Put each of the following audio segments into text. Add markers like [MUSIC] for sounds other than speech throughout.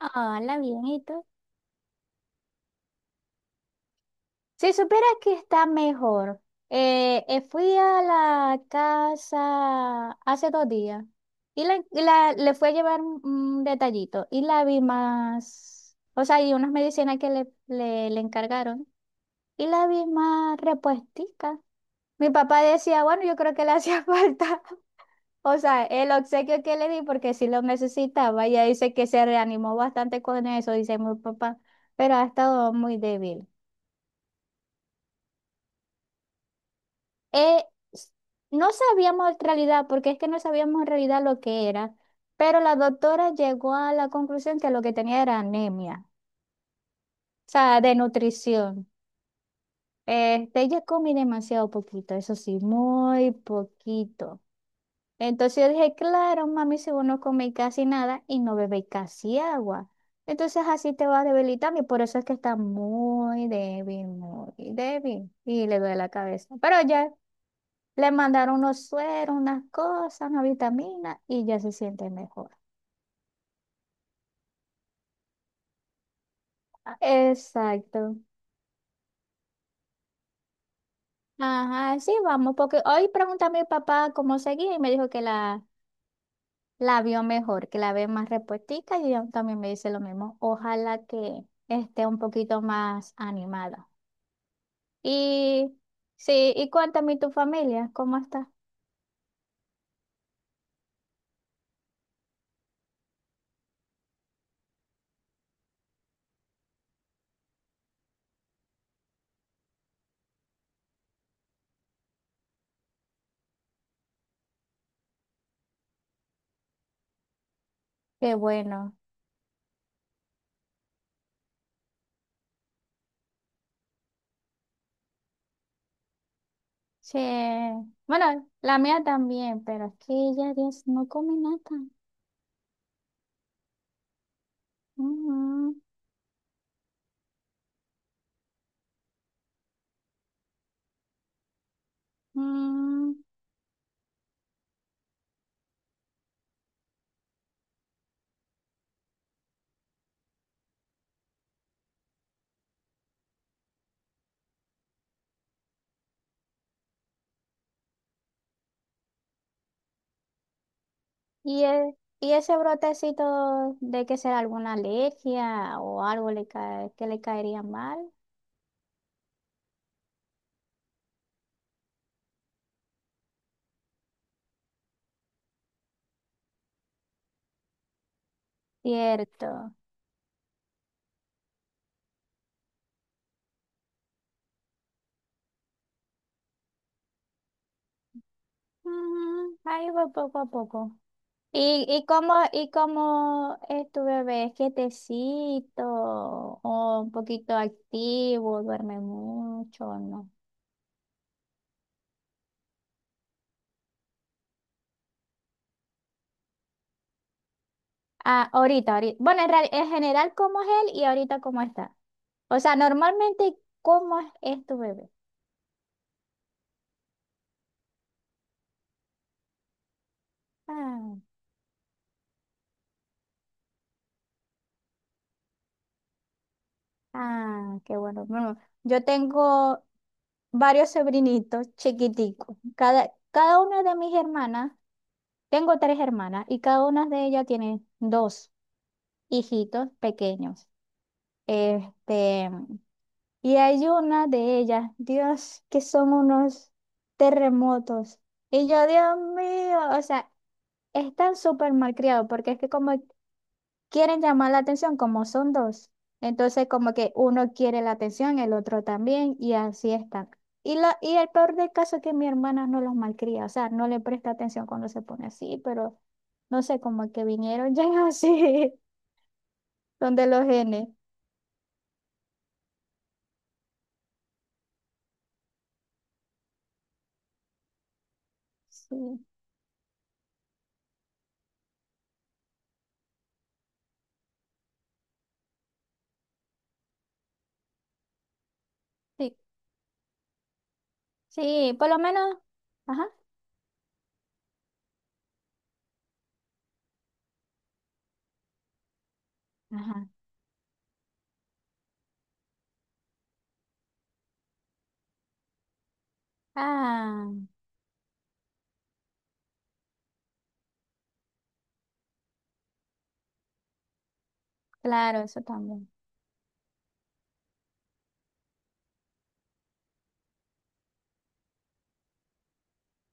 Hola, bien, ¿y tú? Si supieras que está mejor. Fui a la casa hace 2 días y le fui a llevar un detallito y la vi más, o sea, y unas medicinas que le encargaron y la vi más repuestica. Mi papá decía, bueno, yo creo que le hacía [LAUGHS] falta, o sea, el obsequio que le di porque sí lo necesitaba. Ella dice que se reanimó bastante con eso, dice mi papá, pero ha estado muy débil. Eh, s- no sabíamos en realidad, porque es que no sabíamos en realidad lo que era, pero la doctora llegó a la conclusión que lo que tenía era anemia, o sea, de nutrición. Este, ella comí demasiado poquito, eso sí, muy poquito. Entonces yo dije, claro, mami, si vos no coméis casi nada y no bebéis casi agua, entonces así te vas debilitando y por eso es que está muy débil y le duele la cabeza. Pero ya. Le mandaron unos sueros, unas cosas, una vitamina y ya se siente mejor. Ah, exacto. Ajá, sí, vamos, porque hoy pregunté a mi papá cómo seguía y me dijo que la vio mejor, que la ve más repuestica y ella también me dice lo mismo. Ojalá que esté un poquito más animada. Y sí, y cuéntame tu familia, ¿cómo está? Qué bueno. Sí. Bueno, la mía también, pero es que ella, Dios, no come nada. Ujú. Mm. ¿Y ese brotecito de que será alguna alergia o algo le cae, que le caería mal? Cierto. Ujú, ahí va poco a poco. Y cómo es tu bebé? ¿Es quietecito o un poquito activo? ¿Duerme mucho o no? Ah, ahorita, ahorita. Bueno, en general, ¿cómo es él y ahorita cómo está? O sea, normalmente, ¿cómo es tu bebé? Ah, ah, qué bueno. Bueno, yo tengo varios sobrinitos chiquiticos. Cada una de mis hermanas, tengo tres hermanas y cada una de ellas tiene dos hijitos pequeños. Este, y hay una de ellas, Dios, que son unos terremotos. Y yo, Dios mío, o sea, están súper malcriados porque es que como quieren llamar la atención como son dos. Entonces, como que uno quiere la atención, el otro también, y así están. Y el peor del caso es que mi hermana no los malcría, o sea, no le presta atención cuando se pone así, pero no sé, como que vinieron ya [LAUGHS] así, donde los genes. Sí, sí, sí, por lo menos. Ajá, ajá. Ah, claro, eso también.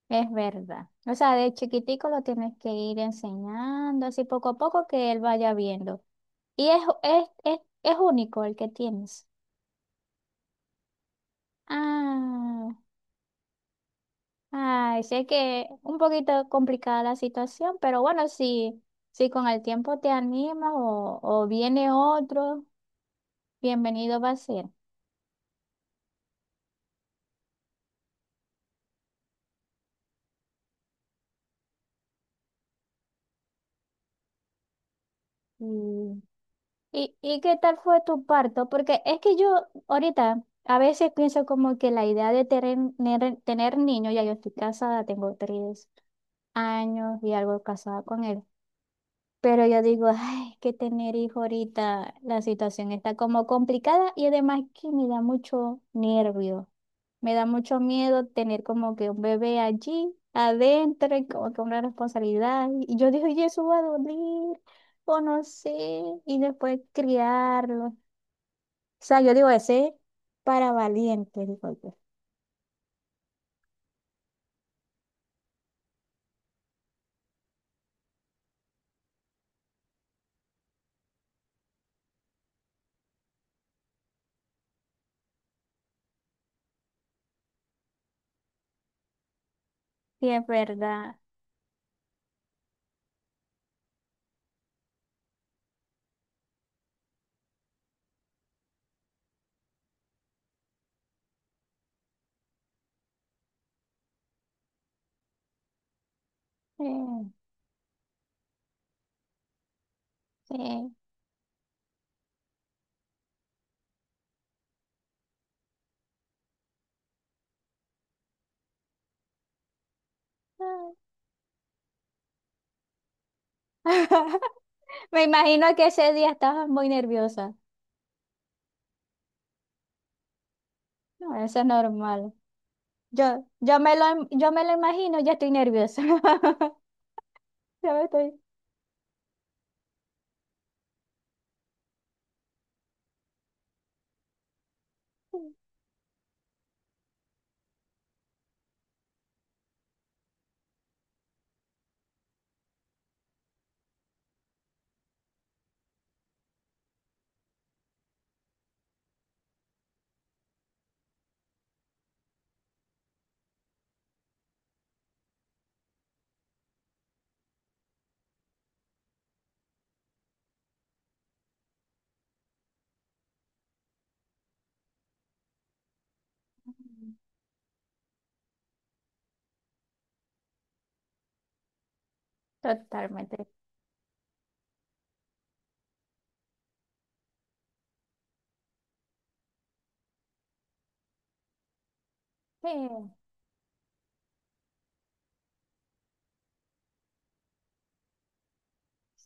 Es verdad. O sea, de chiquitico lo tienes que ir enseñando, así poco a poco que él vaya viendo. Y es único el que tienes. Ah, ay, sé que un poquito complicada la situación, pero bueno, si, si con el tiempo te animas o viene otro, bienvenido va a ser. Mm. Y qué tal fue tu parto? Porque es que yo ahorita a veces pienso como que la idea de tener niños, ya yo estoy casada, tengo 3 años y algo casada con él. Pero yo digo, ay, que tener hijo ahorita, la situación está como complicada y además que me da mucho nervio, me da mucho miedo tener como que un bebé allí adentro y como que una responsabilidad. Y yo digo, y eso va a doler, o no sé, y después criarlo. O sea, yo digo, ese es para valiente, digo yo. Sí, es verdad. Sí, sí. [LAUGHS] Me imagino que ese día estabas muy nerviosa. No, eso es normal. Yo me lo imagino, ya estoy nerviosa. [LAUGHS] Ya me estoy. Totalmente. Sí.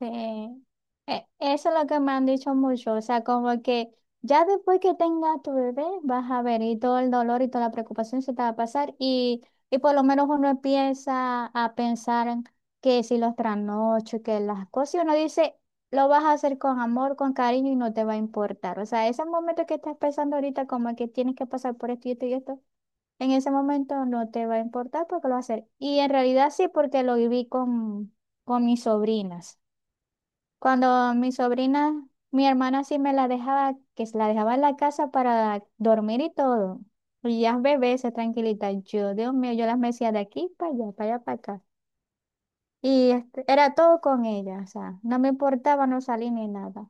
Sí, eso es lo que me han dicho mucho, o sea, como que ya después que tengas tu bebé vas a ver y todo el dolor y toda la preocupación se te va a pasar y por lo menos uno empieza a pensar en que si los trasnochos, que las cosas, y uno dice, lo vas a hacer con amor, con cariño y no te va a importar, o sea, ese momento que estás pensando ahorita como que tienes que pasar por esto y esto y esto, en ese momento no te va a importar porque lo vas a hacer. Y en realidad sí, porque lo viví con mis sobrinas. Cuando mi sobrina, mi hermana sí me la dejaba, que se la dejaba en la casa para dormir y todo. Y ya bebés, se tranquilita. Yo, Dios mío, yo las mecía de aquí para allá, para allá, para acá. Y este, era todo con ella, o sea, no me importaba no salir ni nada.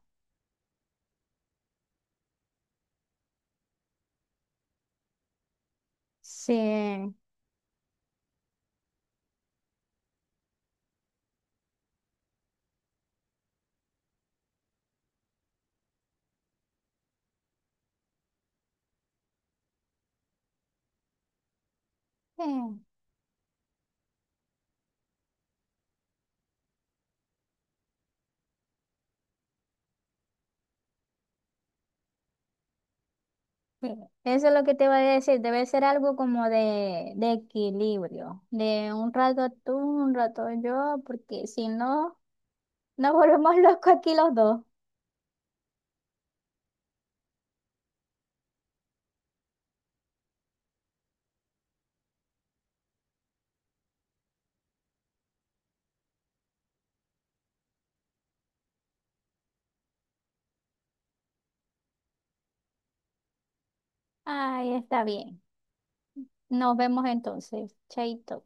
Sí, sí, sí. Eso es lo que te iba a decir, debe ser algo como de, equilibrio, de un rato tú, un rato yo, porque si no, nos volvemos [LAUGHS] locos aquí los dos. Ay, está bien. Nos vemos entonces. Chaito.